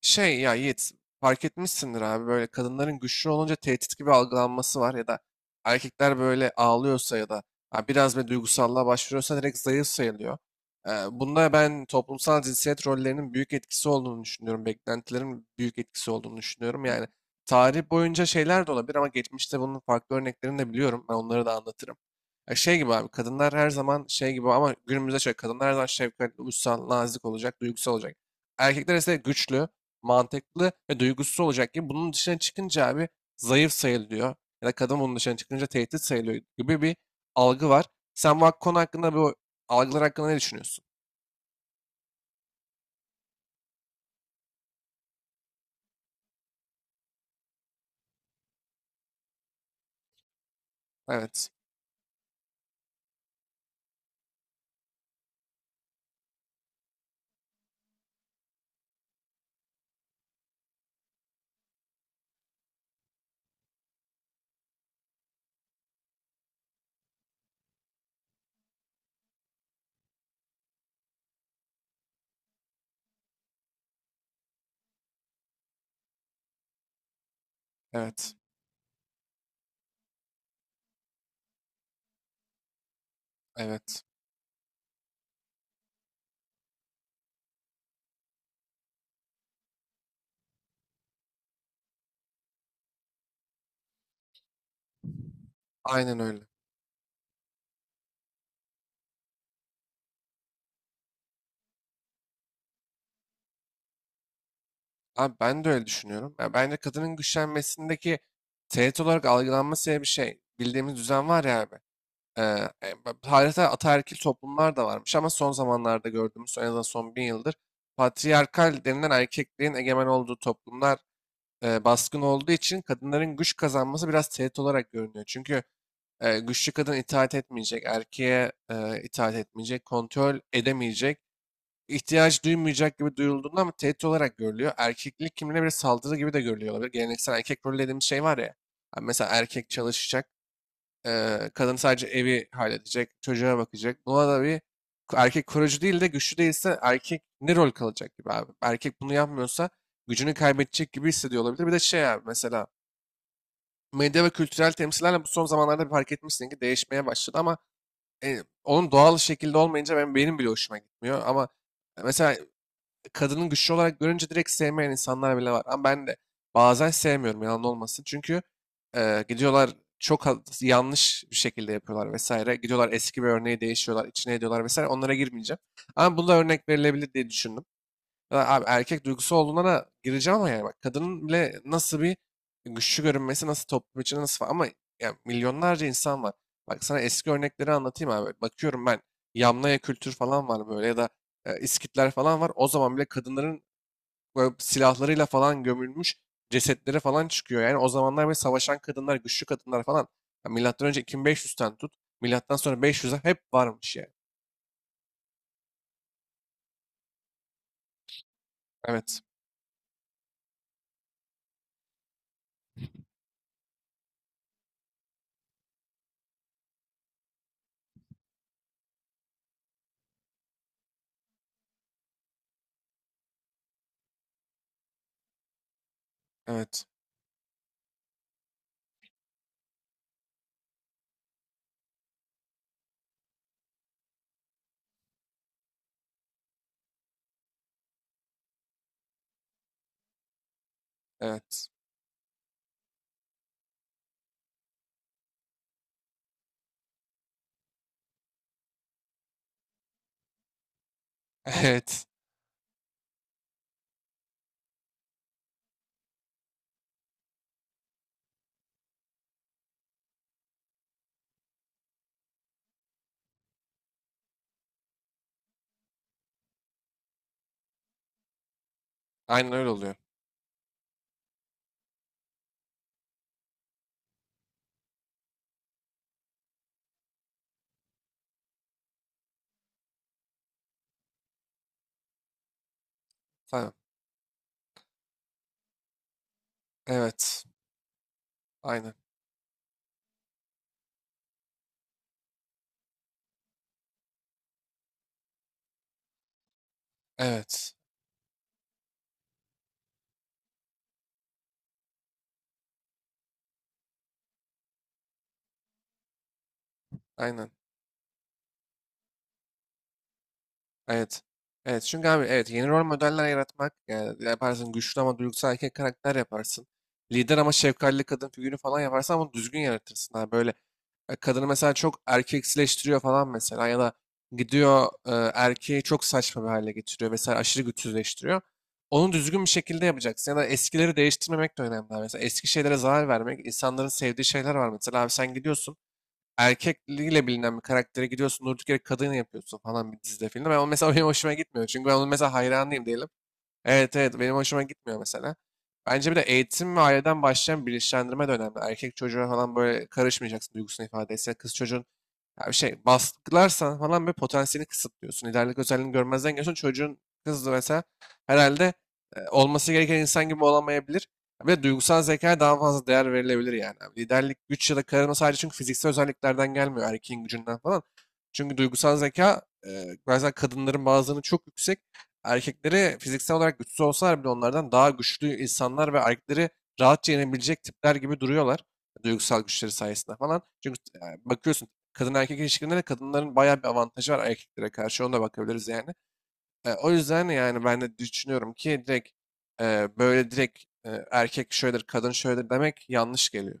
Şey ya Yiğit fark etmişsindir abi böyle kadınların güçlü olunca tehdit gibi algılanması var ya da erkekler böyle ağlıyorsa ya da ha, biraz bir duygusallığa başvuruyorsa direkt zayıf sayılıyor. Bunda ben toplumsal cinsiyet rollerinin büyük etkisi olduğunu düşünüyorum. Beklentilerin büyük etkisi olduğunu düşünüyorum. Yani tarih boyunca şeyler de olabilir ama geçmişte bunun farklı örneklerini de biliyorum. Ben onları da anlatırım. Ya şey gibi abi kadınlar her zaman şey gibi ama günümüzde şöyle kadınlar her zaman şefkatli, uysal, nazik olacak, duygusal olacak. Erkekler ise güçlü, mantıklı ve duygusuz olacak gibi bunun dışına çıkınca abi zayıf sayılıyor ya da kadın bunun dışına çıkınca tehdit sayılıyor gibi bir algı var. Sen bu konu hakkında, bu algılar hakkında ne düşünüyorsun? Evet, evet, evet. Aynen öyle. Abi ben de öyle düşünüyorum. Ya bence kadının güçlenmesindeki tehdit olarak algılanması diye bir şey. Bildiğimiz düzen var ya abi. Ee, tarihte ataerkil toplumlar da varmış ama son zamanlarda gördüğümüz, en azından son bin yıldır patriarkal denilen erkekliğin egemen olduğu toplumlar baskın olduğu için kadınların güç kazanması biraz tehdit olarak görünüyor. Çünkü güçlü kadın itaat etmeyecek, erkeğe itaat etmeyecek, kontrol edemeyecek, ihtiyaç duymayacak gibi duyulduğunda ama tehdit olarak görülüyor. Erkeklik kimliğine bir saldırı gibi de görülüyor olabilir. Geleneksel erkek rolü dediğimiz şey var ya. Hani mesela erkek çalışacak, kadın sadece evi halledecek, çocuğa bakacak. Buna da bir, erkek koruyucu değil de güçlü değilse erkek ne rol kalacak gibi abi. Erkek bunu yapmıyorsa gücünü kaybedecek gibi hissediyor olabilir. Bir de şey abi, mesela medya ve kültürel temsillerle bu son zamanlarda bir, fark etmişsin ki değişmeye başladı ama e, onun doğal şekilde olmayınca ben benim bile hoşuma gitmiyor ama mesela kadının güçlü olarak görünce direkt sevmeyen insanlar bile var ama ben de bazen sevmiyorum, yalan olmasın, çünkü gidiyorlar çok yanlış bir şekilde yapıyorlar vesaire, gidiyorlar eski bir örneği değişiyorlar, içine ediyorlar vesaire, onlara girmeyeceğim ama bunda örnek verilebilir diye düşündüm. Ya abi, erkek duygusu olduğuna da gireceğim ama yani, bak kadının bile nasıl bir güçlü görünmesi, nasıl toplum içinde nasıl falan. Ama yani milyonlarca insan var. Bak sana eski örnekleri anlatayım abi. Bakıyorum ben, Yamnaya kültür falan var böyle, ya da İskitler falan var. O zaman bile kadınların böyle silahlarıyla falan gömülmüş cesetleri falan çıkıyor. Yani o zamanlar böyle savaşan kadınlar, güçlü kadınlar falan. Ya milattan önce 2500'ten tut, milattan sonra 500'e hep varmış yani. Evet, evet, evet, evet. Aynen öyle oluyor. Tamam. Evet. Aynen. Evet. Aynen. Evet. Evet. Çünkü abi evet, yeni rol modeller yaratmak yani, yaparsın güçlü ama duygusal erkek karakter yaparsın. Lider ama şefkatli kadın figürü falan yaparsan ama düzgün yaratırsın abi. Böyle kadını mesela çok erkeksileştiriyor falan mesela, ya da gidiyor erkeği çok saçma bir hale getiriyor. Mesela aşırı güçsüzleştiriyor. Onu düzgün bir şekilde yapacaksın. Ya da eskileri değiştirmemek de önemli abi. Mesela eski şeylere zarar vermek. İnsanların sevdiği şeyler var. Mesela abi, sen gidiyorsun, erkekliğiyle bilinen bir karaktere gidiyorsun, durduk yere kadın yapıyorsun falan bir dizide, filmde. Ben o, mesela benim hoşuma gitmiyor. Çünkü ben onun mesela hayranıyım diyelim. Evet evet, benim hoşuma gitmiyor mesela. Bence bir de eğitim ve aileden başlayan bilinçlendirme de önemli. Erkek çocuğa falan böyle karışmayacaksın duygusunu ifade etse. Kız çocuğun, ya bir şey baskılarsan falan bir potansiyelini kısıtlıyorsun. Liderlik özelliğini görmezden geliyorsun. Çocuğun, kızı mesela, herhalde olması gereken insan gibi olamayabilir. Bir de duygusal zekaya daha fazla değer verilebilir yani. Abi liderlik, güç ya da karizma sadece çünkü fiziksel özelliklerden gelmiyor. Erkeğin gücünden falan. Çünkü duygusal zeka bazen kadınların, bazılarının çok yüksek, erkekleri fiziksel olarak güçsüz olsalar bile onlardan daha güçlü insanlar ve erkekleri rahatça yenebilecek tipler gibi duruyorlar. Duygusal güçleri sayesinde falan. Çünkü bakıyorsun kadın erkek ilişkilerinde de kadınların bayağı bir avantajı var erkeklere karşı. Ona da bakabiliriz yani. O yüzden yani ben de düşünüyorum ki direkt böyle direkt erkek şöyledir, kadın şöyledir demek yanlış geliyor.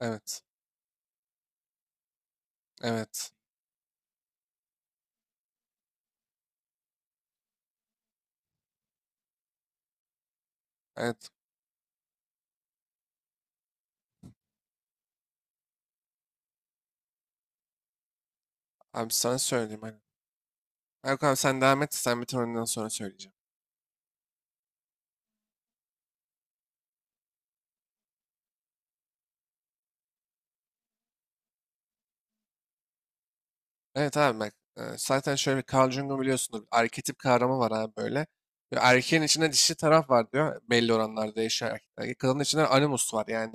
Evet. Evet. Evet. Abi sana söyleyeyim. Hani. Yok abi, sen devam et. Sen bitir, ondan sonra söyleyeceğim. Evet abi bak, zaten şöyle bir, Carl Jung'un biliyorsunuz arketip kavramı var abi böyle. Ya, erkeğin içinde dişi taraf var diyor. Belli oranlarda değişiyor erkeklerde. Kadının içinde animus var yani.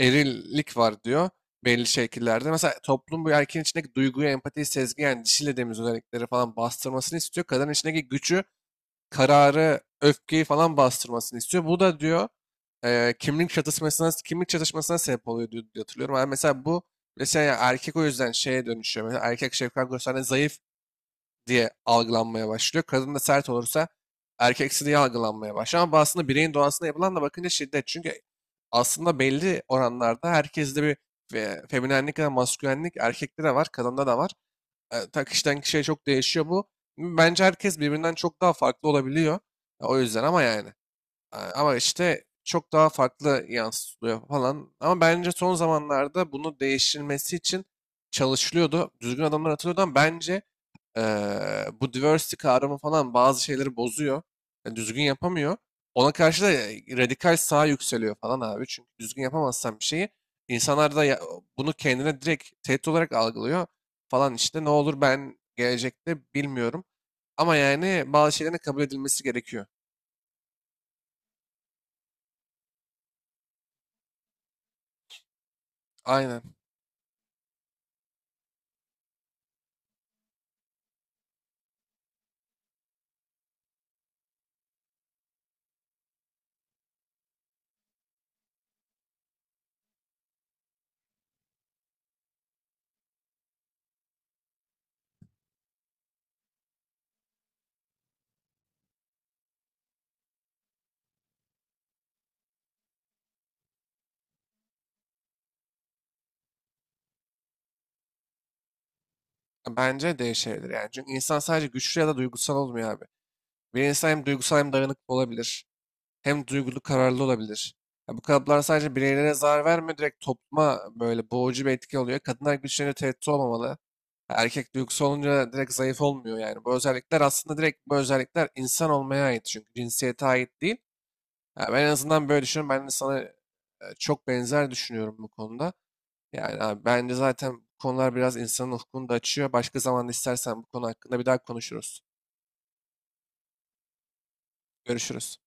Erillik var diyor. Belli şekillerde. Mesela toplum bu erkeğin içindeki duyguyu, empatiyi, sezgi, yani dişi dediğimiz özellikleri falan bastırmasını istiyor. Kadının içindeki gücü, kararı, öfkeyi falan bastırmasını istiyor. Bu da diyor kimlik çatışmasına sebep oluyor diye diye hatırlıyorum. Yani mesela bu, mesela ya erkek o yüzden şeye dönüşüyor. Mesela erkek şefkat gösterdiğinde zayıf diye algılanmaya başlıyor. Kadın da sert olursa erkeksi diye algılanmaya başlıyor. Ama bu aslında bireyin doğasına yapılan, da bakınca şiddet. Çünkü aslında belli oranlarda herkeste bir feminenlik ya da maskülenlik erkekte de var, kadında da var. Ta kişiden kişiye çok değişiyor bu. Bence herkes birbirinden çok daha farklı olabiliyor. Ya, o yüzden ama yani. Ama işte çok daha farklı yansıtılıyor falan. Ama bence son zamanlarda bunu değiştirilmesi için çalışılıyordu. Düzgün adamlar atılıyordu ama bence bu diversity kavramı falan bazı şeyleri bozuyor. Yani düzgün yapamıyor. Ona karşı da radikal sağ yükseliyor falan abi. Çünkü düzgün yapamazsan bir şeyi, insanlar da bunu kendine direkt tehdit olarak algılıyor falan işte. Ne olur ben gelecekte bilmiyorum. Ama yani bazı şeylerin kabul edilmesi gerekiyor. Aynen. Bence değişebilir yani. Çünkü insan sadece güçlü ya da duygusal olmuyor abi. Bir insan hem duygusal hem dayanıklı olabilir, hem duygulu, kararlı olabilir. Ya bu kalıplar sadece bireylere zarar vermiyor, direkt topluma böyle boğucu bir etki oluyor. Kadınlar güçlerine tehdit olmamalı. Erkek duygusu olunca direkt zayıf olmuyor yani. Bu özellikler aslında, direkt bu özellikler insan olmaya ait, çünkü cinsiyete ait değil. Ya ben en azından böyle düşünüyorum. Ben de sana çok benzer düşünüyorum bu konuda. Yani abi bence zaten bu konular biraz insanın ufkunu da açıyor. Başka zaman istersen bu konu hakkında bir daha konuşuruz. Görüşürüz.